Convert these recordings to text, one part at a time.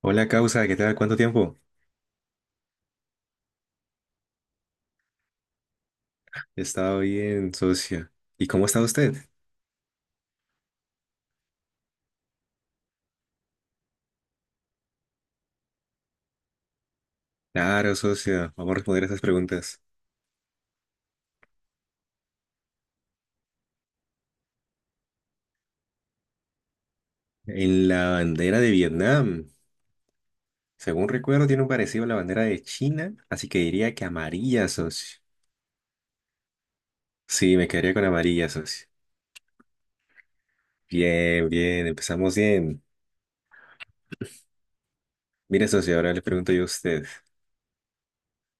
Hola, causa, ¿qué tal? ¿Cuánto tiempo? He estado bien, socia. ¿Y cómo está usted? Claro, socia, vamos a responder esas preguntas. En la bandera de Vietnam, según recuerdo, tiene un parecido a la bandera de China, así que diría que amarilla, socio. Sí, me quedaría con amarilla, socio. Bien, bien, empezamos bien. Mire, socio, ahora le pregunto yo a usted.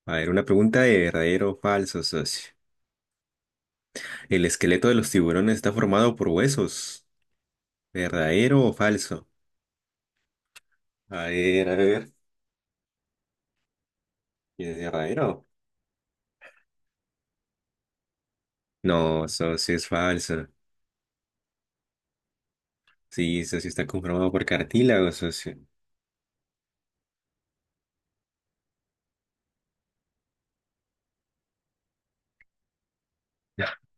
A ver, una pregunta de verdadero o falso, socio. ¿El esqueleto de los tiburones está formado por huesos? ¿Verdadero o falso? A ver, a ver. ¿Es verdadero? No, socio, es falso. Sí, socio, está conformado por cartílago, socio.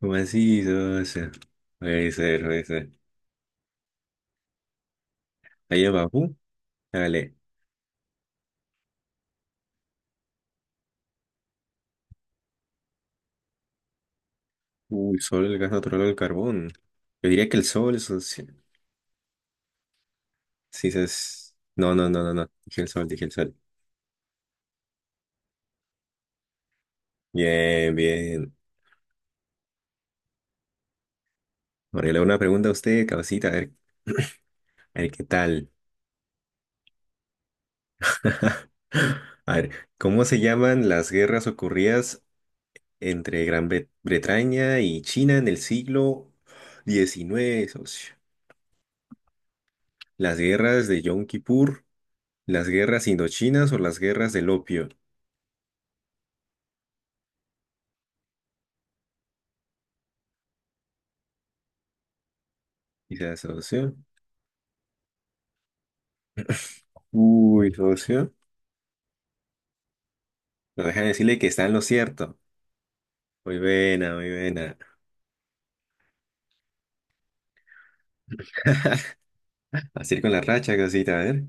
¿Cómo así, socio? Puede ser, puede ser. Ahí abajo, dale. Uy, solo el gas natural o el carbón. Yo diría que el sol, socio. Sí, es... No, no, no, no, no. Dije el sol, dije el sol. Bien, bien. Ahora yo le hago una pregunta a usted, cabecita, a ver qué tal. A ver, ¿cómo se llaman las guerras ocurridas entre Gran Bretaña y China en el siglo XIX, socio? Las guerras de Yom Kippur, las guerras indochinas o las guerras del opio. Quizás, socio. Uy, socio. No dejan decirle que está en lo cierto. Muy buena, muy buena. Así con la racha, casita, a ver.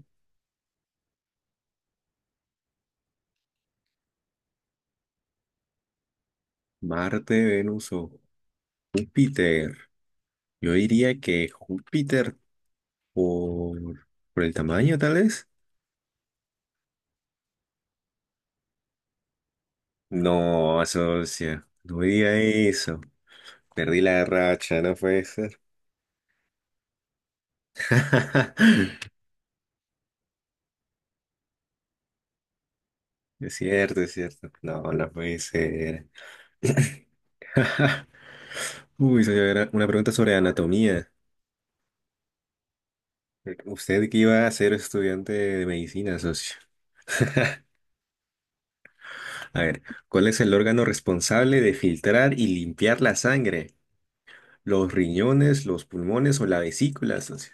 Marte, Venus o Júpiter. Yo diría que Júpiter por, por el tamaño, tal vez. No, socio. No diga eso. Perdí la racha, no puede ser. Es cierto, es cierto. No, no puede ser. Uy, señora, una pregunta sobre anatomía. Usted que iba a ser estudiante de medicina, socio. A ver, ¿cuál es el órgano responsable de filtrar y limpiar la sangre? ¿Los riñones, los pulmones o la vesícula, socio?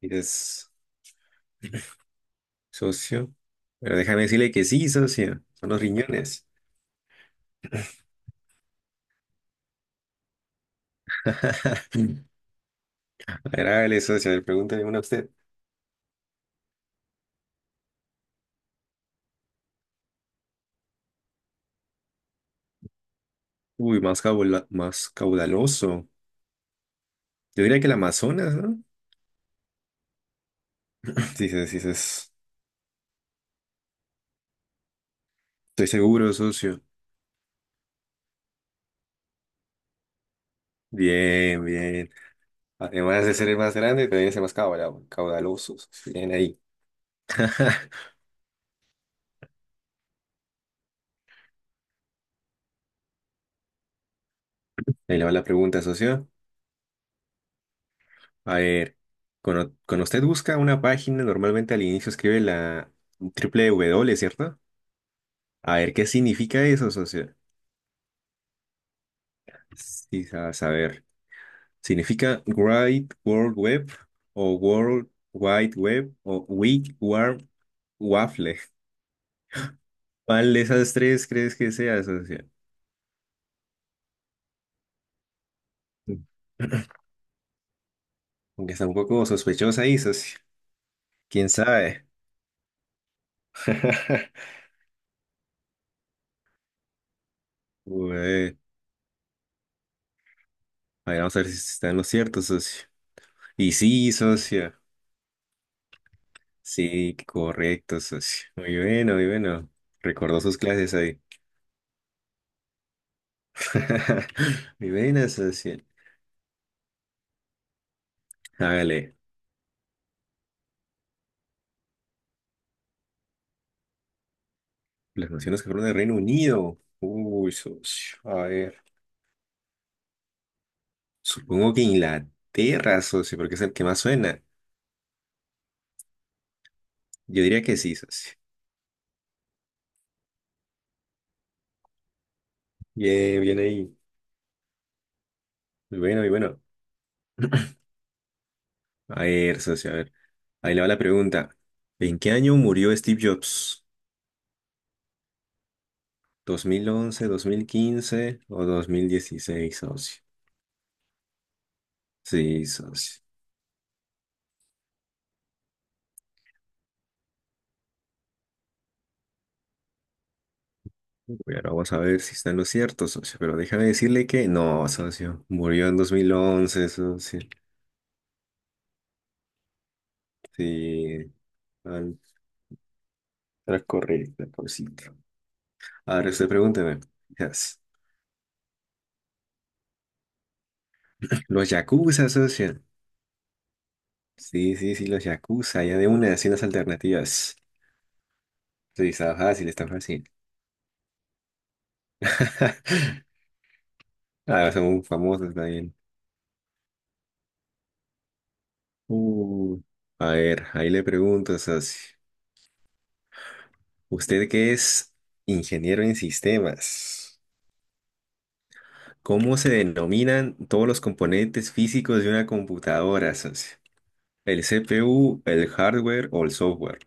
Y es socio. Pero déjame decirle que sí, socio. Son los riñones. A ver, hágale, socio, a ver, pregúnteme una a usted. Uy, más más caudaloso. Yo diría que el Amazonas, ¿no? Dices, dices, estoy seguro, socio. Bien, bien. Además de ser el más grande, también es el más caudaloso. Caudaloso, socio. Bien ahí. Ahí le va la pregunta, socio. A ver, cuando usted busca una página, normalmente al inicio escribe la triple W, ¿cierto? A ver, ¿qué significa eso, socio? Sí, a saber. Significa Great World Web o World Wide Web o Wig Warm Waffle. ¿Cuál de esas tres crees que sea, socio? Mm. Aunque está un poco sospechosa ahí, socio. ¿Quién sabe? Ué, a ver, vamos a ver si está en lo cierto, socio. Y sí, socio. Sí, correcto, socio. Muy bueno, muy bueno. Recordó sus clases ahí. Muy buena, socio. Hágale. Las naciones que fueron del Reino Unido. Uy, socio. A ver. Supongo que Inglaterra, socio, porque es el que más suena. Yo diría que sí, socio. Bien, bien ahí. Muy bueno, muy bueno. A ver, socio, a ver. Ahí le va la pregunta. ¿En qué año murió Steve Jobs? ¿Dos mil once, dos mil quince o dos mil dieciséis, socio? Sí, socio. Bueno, vamos a ver si está en lo cierto, socio. Pero déjame decirle que no, socio. Murió en dos mil once, socio. Sí. Era correcto, cosito. Ahora usted pregúnteme. Yes. Los yakuza, socio. Sí, sí, sí, los yakuza. Ya de una, así unas alternativas. Sí, está fácil, está fácil. Ah, son muy famosos también. Uh, a ver, ahí le pregunto, socio. Usted que es ingeniero en sistemas, ¿cómo se denominan todos los componentes físicos de una computadora, socio? ¿El CPU, el hardware o el software?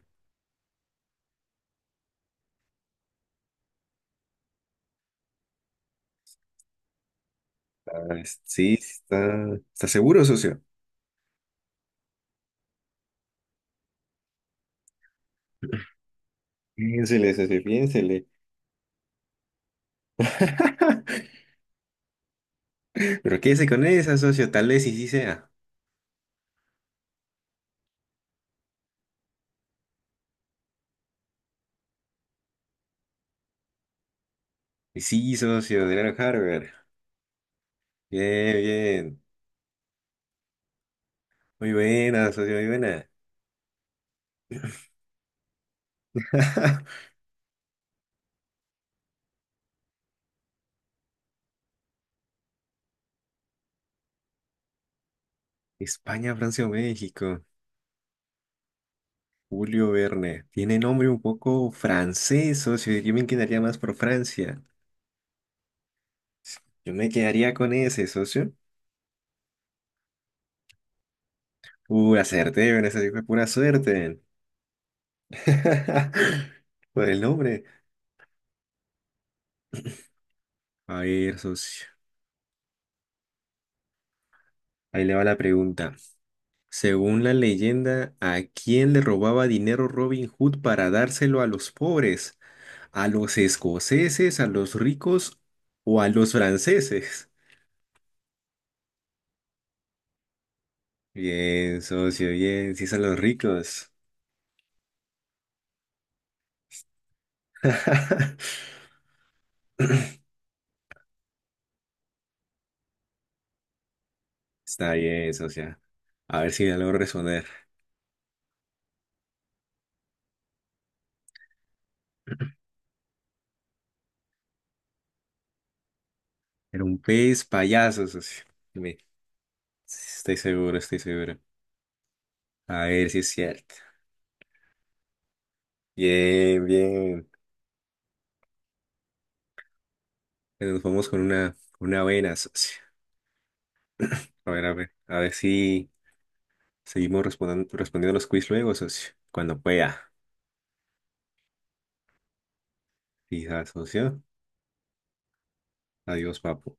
Ah, sí, sí está, está seguro, socio. Piénsele, socio, piénsele. Pero quédese con esa, socio, tal vez y sí sea. Y sí, socio, de Harvard. Harvard. Bien, bien. Muy buena, socio, muy buena. España, Francia o México. Julio Verne. Tiene nombre un poco francés, socio. Yo me quedaría más por Francia. Yo me quedaría con ese, socio. Acerté, bueno, esa sí fue pura suerte. Por el nombre. A ver, socio. Ahí le va la pregunta. Según la leyenda, ¿a quién le robaba dinero Robin Hood para dárselo a los pobres? ¿A los escoceses, a los ricos o a los franceses? Bien, socio, bien, sí son los ricos. Está bien, socio. A ver si me logro responder. Era un pez payaso, socio. Dime. Estoy seguro, estoy seguro. A ver si es cierto. Bien, bien. Nos vamos con una buena, socio. A ver, a ver, a ver si respondiendo los quiz luego, socio. Cuando pueda. Fija, socio. Adiós, papu.